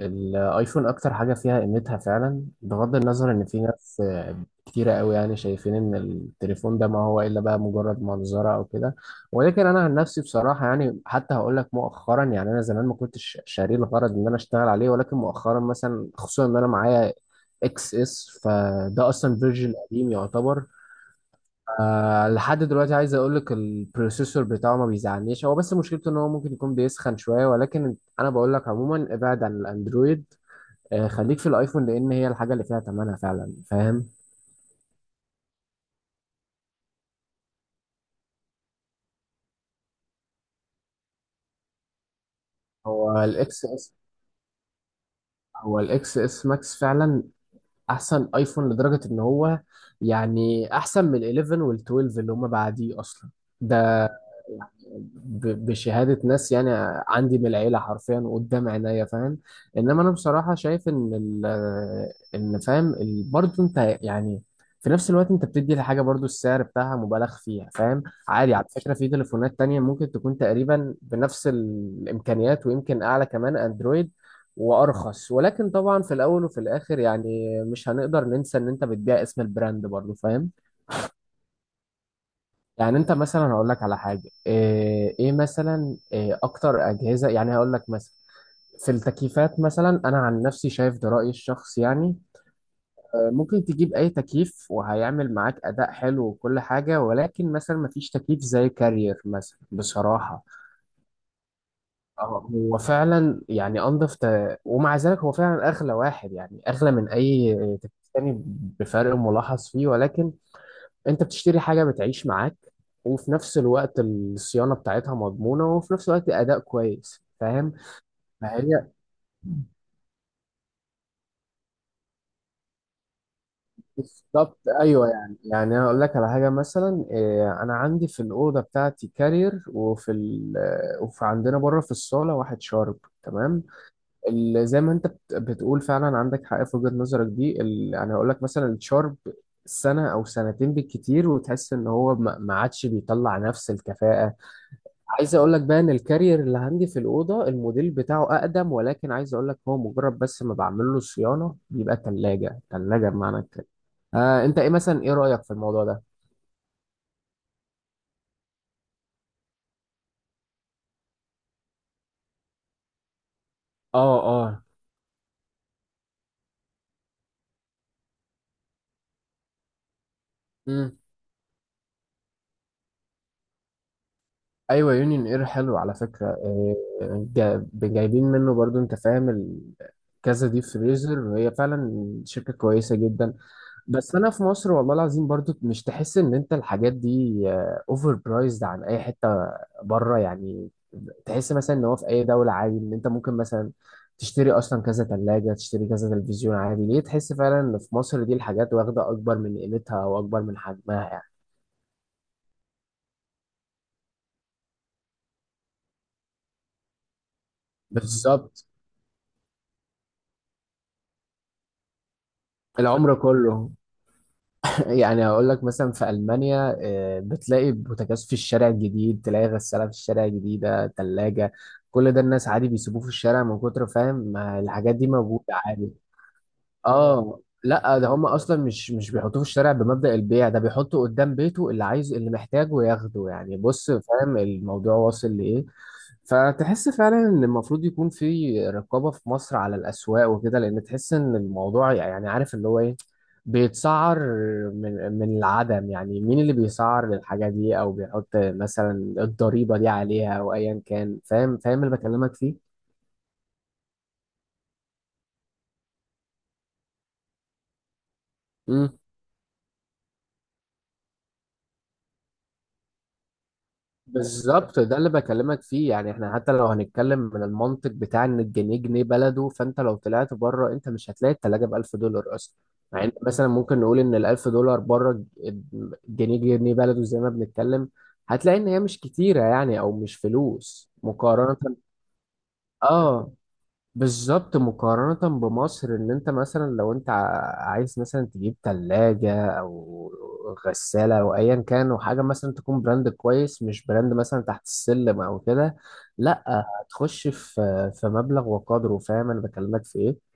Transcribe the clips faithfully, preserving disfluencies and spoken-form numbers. الايفون اكتر حاجه فيها قيمتها فعلا، بغض النظر ان في ناس آه، كتيره قوي، يعني شايفين ان التليفون ده ما هو الا بقى مجرد منظره او كده. ولكن انا عن نفسي بصراحه يعني حتى هقول لك مؤخرا، يعني انا زمان ما كنتش شاريه الغرض ان انا اشتغل عليه، ولكن مؤخرا مثلا خصوصا ان انا معايا اكس اس فده اصلا فيرجن قديم يعتبر. آه لحد دلوقتي عايز اقول لك البروسيسور بتاعه ما بيزعلنيش، هو بس مشكلته ان هو ممكن يكون بيسخن شويه. ولكن انا بقول لك عموما ابعد عن الاندرويد، آه، خليك في الايفون لان هي الحاجه اللي فيها تمنها فعلا، فاهم؟ هو الاكس اس هو الاكس اس ماكس فعلا احسن ايفون، لدرجة ان هو يعني احسن من ال احد عشر وال اتناشر اللي هما بعديه اصلا ده، ب- بشهادة ناس يعني عندي من العيلة حرفيا قدام عينيا، فاهم؟ انما انا بصراحة شايف ان ال ان فاهم ال- برضه انت يعني في نفس الوقت انت بتدي لحاجة برضه السعر بتاعها مبالغ فيها، فاهم؟ عادي، على فكرة في تليفونات تانية ممكن تكون تقريبا بنفس الامكانيات ويمكن اعلى كمان، اندرويد وارخص. ولكن طبعا في الاول وفي الاخر يعني مش هنقدر ننسى ان انت بتبيع اسم البراند برضو، فاهم؟ يعني انت مثلا هقول لك على حاجه، ايه, إيه مثلا، إيه اكتر اجهزه؟ يعني هقول لك مثلا في التكييفات. مثلا انا عن نفسي شايف، ده رايي الشخصي يعني، آه، ممكن تجيب اي تكييف وهيعمل معاك اداء حلو وكل حاجه، ولكن مثلا مفيش تكييف زي كارير مثلا بصراحه. اه هو فعلا يعني انضف ت... ومع ذلك هو فعلا اغلى واحد، يعني اغلى من اي تكييف تاني بفرق ملاحظ فيه. ولكن انت بتشتري حاجه بتعيش معاك، وفي نفس الوقت الصيانه بتاعتها مضمونه، وفي نفس الوقت اداء كويس، فاهم؟ فهي بالظبط. ايوه يعني يعني انا اقول لك على حاجه مثلا إيه، انا عندي في الاوضه بتاعتي كارير، وفي ال... وفي عندنا بره في الصاله واحد شارب، تمام؟ ال- زي ما انت بت- بتقول، فعلا عندك حق في وجهة نظرك دي. ال- انا هقول لك مثلا الشارب سنة او سنتين بالكتير وتحس ان هو ما ما عادش بيطلع نفس الكفاءة. عايز اقول لك بقى ان الكارير اللي عندي في الأوضة الموديل بتاعه اقدم، ولكن عايز اقول لك هو مجرد بس ما بعمل له صيانة بيبقى تلاجة تلاجة بمعنى الكلمة. آه انت ايه مثلا، ايه رأيك في الموضوع ده؟ اه، اه، ايوه، يونيون اير حلو على فكره. آه، جا- جايبين منه برضو، انت فاهم؟ ال- كذا ديب فريزر، هي فعلا شركه كويسه جدا. بس انا في مصر والله العظيم برضو مش تحس ان انت الحاجات دي اوفر برايزد عن اي حته بره يعني. تحس مثلا ان هو في اي دوله عادي ان انت ممكن مثلا تشتري اصلا كذا ثلاجه، تشتري كذا تلفزيون عادي. ليه تحس فعلا ان في مصر دي الحاجات واخده اكبر من قيمتها او اكبر من حجمها يعني؟ بالظبط، العمر كله. يعني هقول لك مثلا في المانيا آه، بتلاقي بوتاجاز في الشارع الجديد، تلاقي غساله في الشارع الجديده، ثلاجه، كل ده الناس عادي بيسيبوه في الشارع من كتر، فاهم؟ ما الحاجات دي موجوده عادي. اه لا، ده هم اصلا مش مش بيحطوه في الشارع بمبدأ البيع، ده بيحطه قدام بيته، اللي عايز اللي محتاجه ياخده يعني. بص، فاهم الموضوع واصل لايه؟ فتحس فعلا ان المفروض يكون في رقابة في مصر على الاسواق وكده، لان تحس ان الموضوع يعني عارف اللي هو ايه، بيتسعر من من العدم، يعني مين اللي بيسعر للحاجة دي، او بيحط مثلا الضريبة دي عليها، او ايا كان، فاهم؟ فاهم اللي بكلمك فيه؟ بالظبط، ده اللي بكلمك فيه. يعني احنا حتى لو هنتكلم من المنطق بتاع ان الجنيه جنيه بلده، فانت لو طلعت بره انت مش هتلاقي التلاجة بألف دولار اصلا. يعني انت مثلا ممكن نقول ان الألف دولار بره، الجنيه جنيه بلده زي ما بنتكلم، هتلاقي ان هي مش كتيرة يعني، او مش فلوس مقارنة. اه بالظبط، مقارنة بمصر ان انت مثلا لو انت ع- عايز مثلا تجيب تلاجة او غسالة او ايا كان، وحاجة مثلا تكون براند كويس، مش براند مثلا تحت السلم او كده، لا، هتخش في في مبلغ وقدره، فاهم انا بكلمك في ايه؟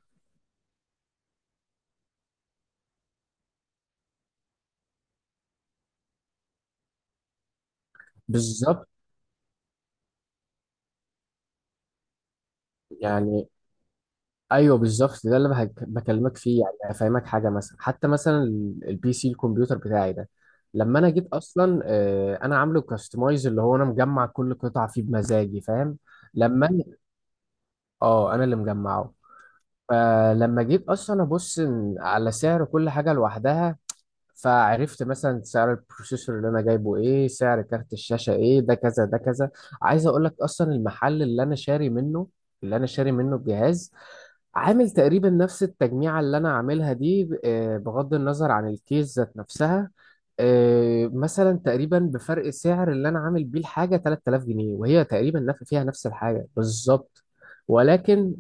بالظبط يعني، ايوه بالظبط ده اللي بهك- بكلمك فيه. يعني هفهمك حاجه مثلا، حتى مثلا ال- البي سي الكمبيوتر بتاعي ده، لما انا جيت اصلا آه، انا عامله كاستمايز، اللي هو انا مجمع كل قطعه فيه بمزاجي، فاهم؟ لما أنا- اه انا اللي مجمعه. فلما جيت اصلا ابص على سعر كل حاجه لوحدها، فعرفت مثلا سعر البروسيسور اللي انا جايبه ايه، سعر كارت الشاشة ايه، ده كذا ده كذا. عايز اقول لك اصلا المحل اللي انا شاري منه اللي انا شاري منه الجهاز عامل تقريبا نفس التجميعة اللي انا عاملها دي، ب- آه، بغض النظر عن الكيس ذات نفسها. آه، مثلا تقريبا بفرق سعر اللي انا عامل بيه الحاجة تلات آلاف جنيه، وهي تقريبا نف- فيها نفس الحاجة بالظبط، ولكن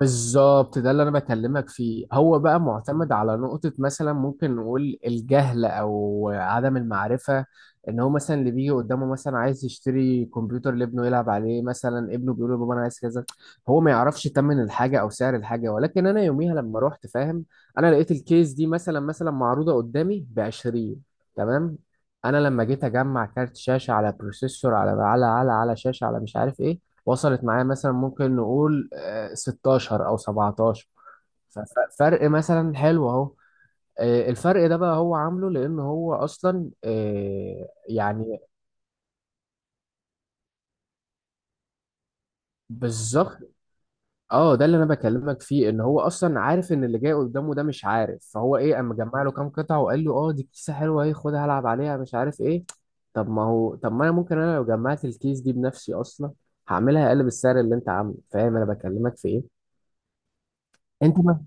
بالظبط ده اللي انا بكلمك فيه. هو بقى معتمد على نقطة مثلا ممكن نقول الجهل او عدم المعرفة، ان هو مثلا اللي بيجي قدامه مثلا عايز يشتري كمبيوتر لابنه يلعب عليه، مثلا ابنه بيقول له بابا انا عايز كذا، هو ما يعرفش تمن الحاجة او سعر الحاجة. ولكن انا يوميها لما رحت، فاهم؟ انا لقيت الكيس دي مثلا مثلا معروضة قدامي ب عشرين، تمام؟ انا لما جيت اجمع كارت شاشة على بروسيسور على على على على شاشة على مش عارف ايه، وصلت معايا مثلا ممكن نقول آه، ستاشر او سبعتاشر، ف- ف- فرق مثلا حلو اهو. آه، الفرق ده بقى هو عامله لان هو اصلا آه، يعني بالظبط. اه، ده اللي انا بكلمك فيه، ان هو اصلا عارف ان اللي جاي قدامه ده مش عارف، فهو ايه؟ اما جمع له كام قطعه وقال له اه دي كيسه حلوه اهي خدها العب عليها مش عارف ايه. طب ما هو طب ما انا ممكن انا لو جمعت الكيس دي بنفسي اصلا هعملها اقل بالسعر اللي انت عامله، فاهم انا بكلمك في ايه؟ انت ما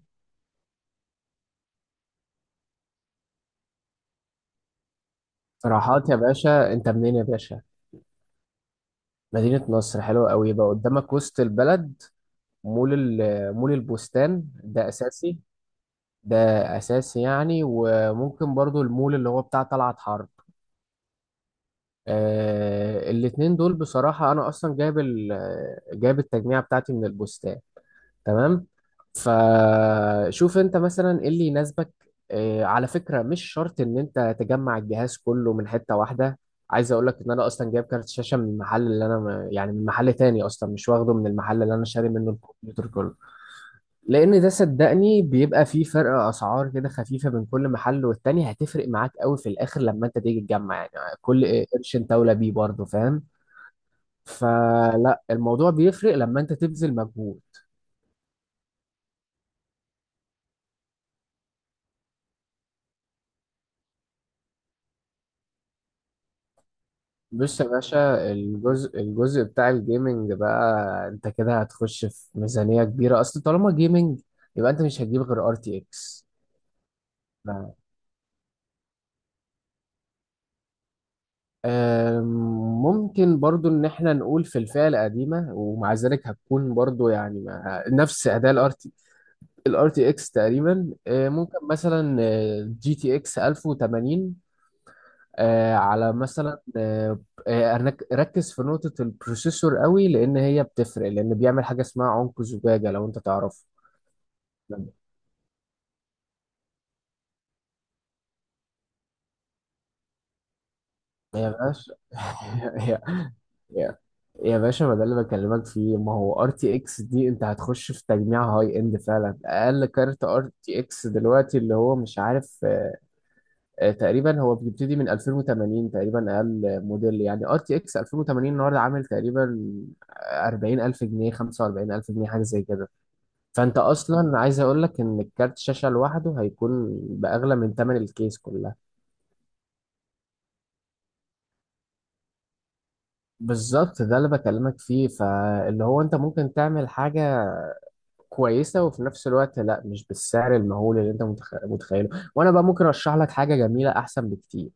اقتراحات يا باشا؟ انت منين يا باشا؟ مدينة نصر حلوة قوي، بقى قدامك وسط البلد. مول ال- مول البستان ده أساسي، ده أساسي يعني، وممكن برضو المول اللي هو بتاع طلعت حرب. آه الاتنين دول بصراحة. أنا أصلا جايب ال- جايب التجميع بتاعتي من البستان، تمام؟ فشوف انت مثلا ايه اللي يناسبك. اه على فكرة مش شرط ان انت تجمع الجهاز كله من حتة واحدة. عايز اقول لك ان انا اصلا جايب كارت شاشة من المحل اللي انا م- يعني من محل تاني اصلا، مش واخده من المحل اللي انا شاري منه الكمبيوتر كله، لان ده صدقني بيبقى فيه فرق اسعار كده خفيفة بين كل محل والتاني، هتفرق معاك قوي في الاخر لما انت تيجي تجمع. يعني كل قرش انت اولى بيه برضه، فاهم؟ فلا، الموضوع بيفرق لما انت تبذل مجهود. بص يا باشا، الجزء الجزء بتاع الجيمنج بقى، انت كده هتخش في ميزانية كبيرة، اصل طالما جيمنج يبقى انت مش هتجيب غير ار تي اكس. ممكن برضو ان احنا نقول في الفئة القديمة، ومع ذلك هتكون برضو يعني مع- نفس اداء الار تي، الار تي اكس تقريبا، آه، ممكن مثلا جي تي اكس ألف وثمانين آه، على مثلا آه، آه، أرنك- ركز في نقطة البروسيسور قوي لأن هي بتفرق، لأن بيعمل حاجة اسمها عنق زجاجة لو أنت تعرف. يا باشا، يا يا يا باشا، ما ده اللي بكلمك فيه، ما هو ار تي اكس دي انت هتخش في تجميع هاي اند فعلا. اقل كارت ار تي اكس دلوقتي اللي هو مش عارف، آه، تقريبا هو بيبتدي من ألفين وثمانين تقريبا اقل موديل. يعني ار تي اكس ألفين وثمانين النهارده عامل تقريبا أربعين ألف جنيه خمسة وأربعين ألف جنيه حاجه زي كده، فانت اصلا عايز اقول لك ان الكارت شاشه لوحده هيكون باغلى من ثمن الكيس كلها. بالظبط، ده اللي بكلمك فيه، فاللي هو انت ممكن تعمل حاجه كويسه، وفي نفس الوقت لا مش بالسعر المهول اللي انت متخ- متخيله. وانا بقى ممكن ارشح لك حاجه جميله احسن بكتير،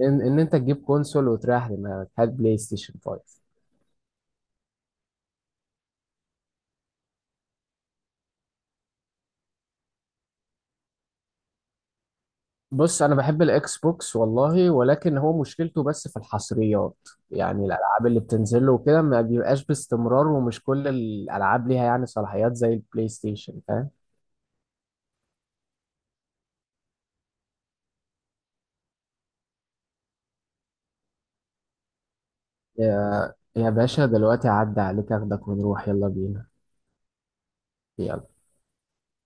ان, إن انت تجيب كونسول وتريح دماغك، هات بلاي ستيشن خمسة. بص انا بحب الاكس بوكس والله، ولكن هو مشكلته بس في الحصريات. يعني الالعاب اللي بتنزل له وكده ما بيبقاش باستمرار، ومش كل الالعاب ليها يعني صلاحيات زي البلاي ستيشن، فاهم؟ يا يا باشا دلوقتي عدى عليك، اخدك ونروح، يلا بينا. يلا.